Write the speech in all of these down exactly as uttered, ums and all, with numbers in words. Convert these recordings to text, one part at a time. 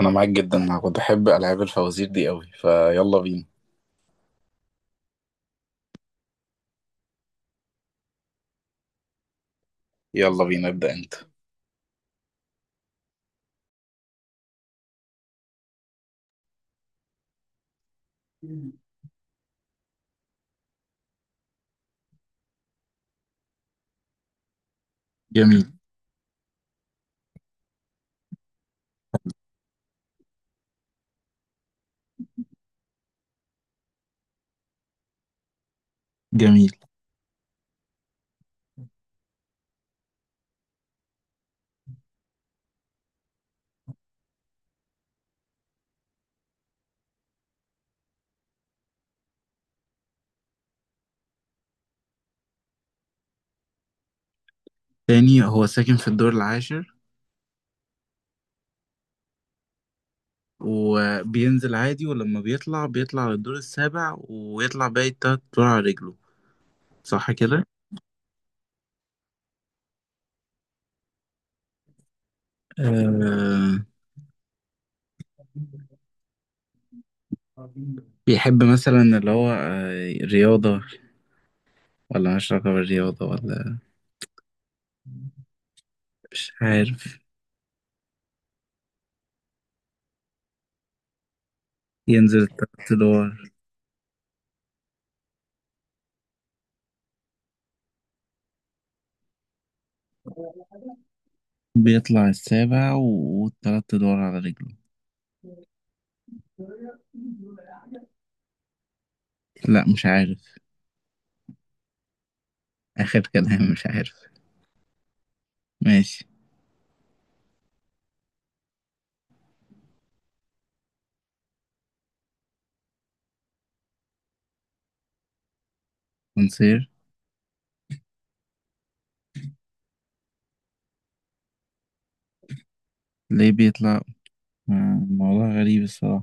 انا معاك جدا. انا كنت بحب العاب الفوازير دي قوي. فيلا بينا. يلا بينا ابدا انت. جميل. جميل. تاني، هو ساكن في الدور العاشر وبينزل عادي، ولما بيطلع بيطلع للدور السابع ويطلع باقي التلات دور على رجله. صح كده؟ آه، بيحب مثلا اللي هو آه رياضة، ولا مش علاقة بالرياضة، ولا مش عارف. ينزل التلات دور. بيطلع السابع و- والتلات ادوار على رجله. لا مش عارف. اخر كلام مش عارف. ماشي. نصير. ليه بيطلع؟ ما- موضوع غريب الصراحة.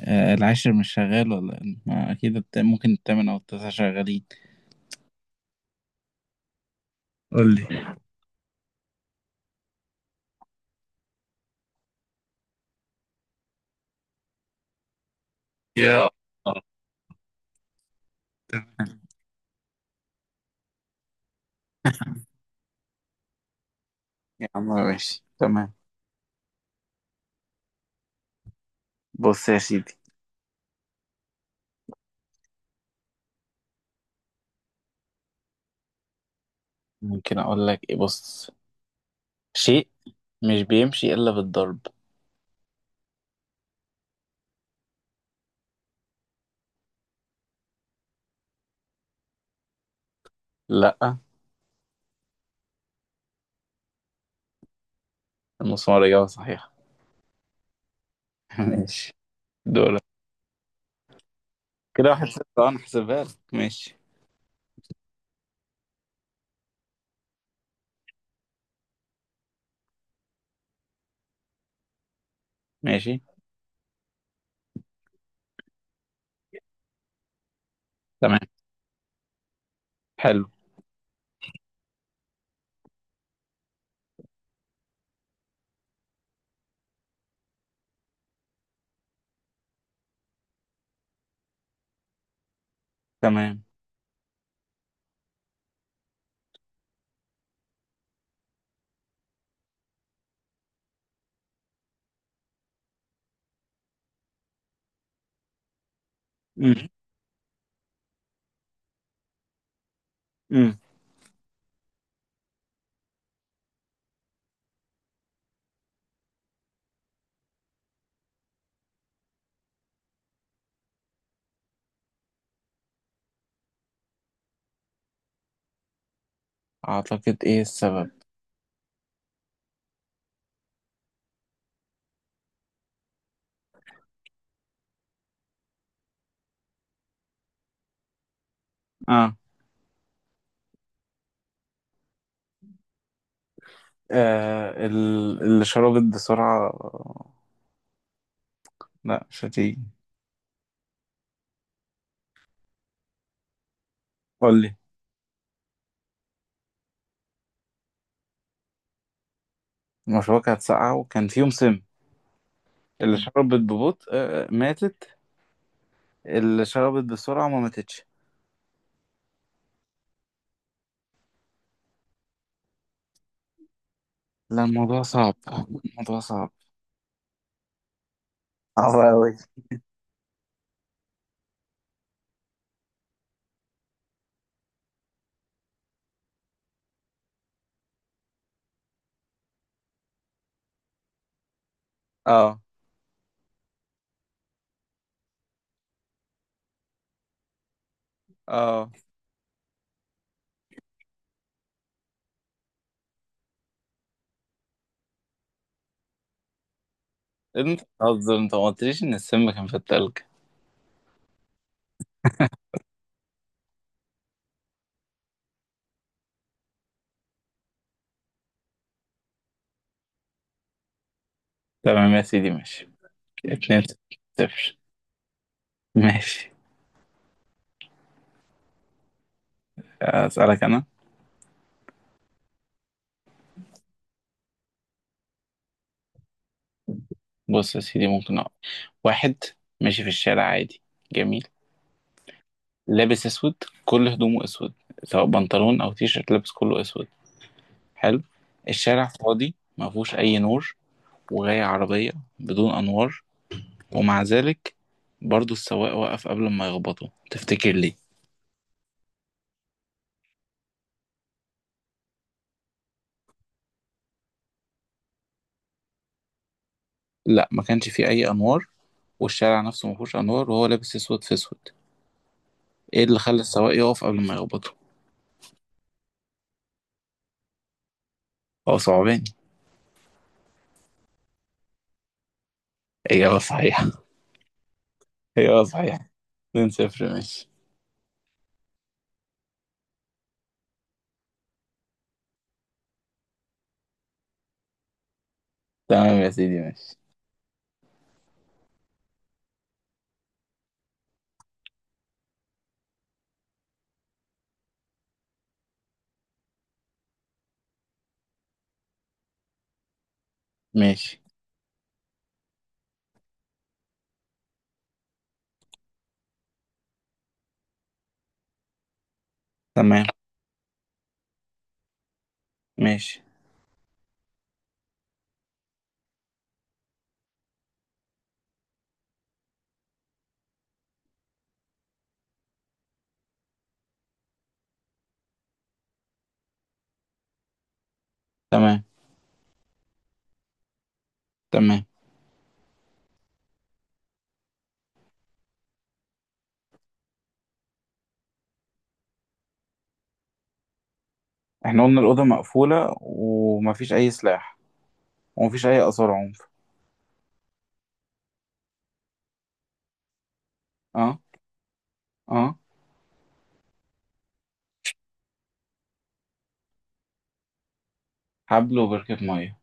آه، العاشر مش شغال ولا إيه؟ ما أكيد الت- ممكن التامن أو التاسع شغالين. قول لي. يا عم ماشي تمام. بص يا سيدي، ممكن أقول لك إيه. بص، شيء مش بيمشي إلا بالضرب. لأ. المسمار إجابة صحيحة. ماشي. دور. كده واحد صفر. اه، انا احسبها لك. ماشي. ماشي. تمام. حلو. تمام. امم. امم. اعتقد ايه السبب؟ اه. آه ال- اللي شربت بسرعة. لا مش هتيجي. قول لي. المشروع كانت ساقعة وكان فيهم سم. اللي شربت ببطء آه آه، ماتت. اللي شربت بسرعة ما ماتتش. لا الموضوع صعب. الموضوع صعب. صعب أوي. اه. اه. انت قصدي انت ما قلتليش ان السم كان في التلج. تمام يا سيدي ماشي. اتنين صفر. ماشي. أسألك أنا. بص يا سيدي، ممكن أقول. واحد ماشي في الشارع عادي. جميل. لابس أسود. كل هدومه أسود. سواء بنطلون أو تيشيرت لابس كله أسود. حلو. الشارع فاضي ما فيهوش أي نور. وجاية عربية بدون أنوار. ومع ذلك برضو السواق وقف قبل ما يخبطه. تفتكر ليه؟ لا ما كانش فيه أي أنوار. والشارع نفسه ما فيهوش أنوار، وهو لابس أسود في أسود. إيه اللي خلى السواق يقف قبل ما يخبطه؟ هو صعباني. إجابة صحيحة. إجابة صحيحة. اتنين صفر ماشي. تمام يا سيدي ماشي. ماشي تمام. ماشي. تمام. تمام. احنا قلنا الأوضة مقفولة ومفيش أي سلاح، ومفيش أي آثار عنف. اه. اه. حبل وبركة مية.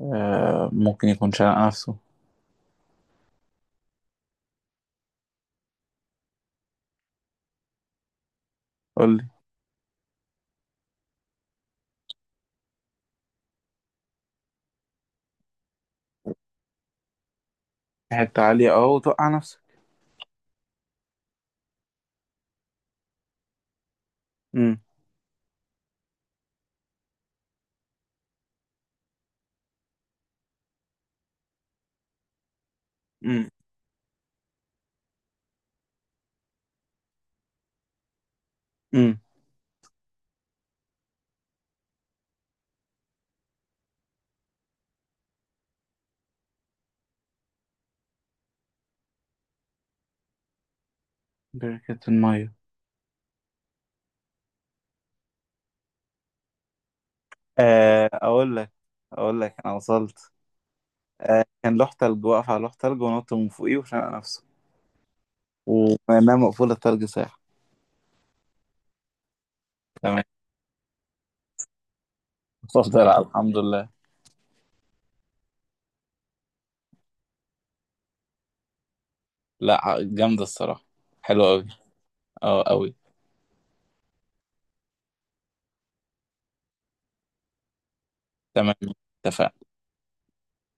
آه ممكن يكون شنق نفسه. قول لي. حتة عالية اه، وتوقع نفسك. امم. امم. امم. بركة المية. آه أقول لك. أقول لك أنا وصلت. آه كان لوح تلج، واقف على لوح تلج ونط من فوقيه وشنق نفسه. ومعناها مقفولة، التلج ساعة. تمام. اتفضل الحمد لله. لا ع- جامدة الصراحة. حلوة أوي. أه أوي. تمام. اتفقنا.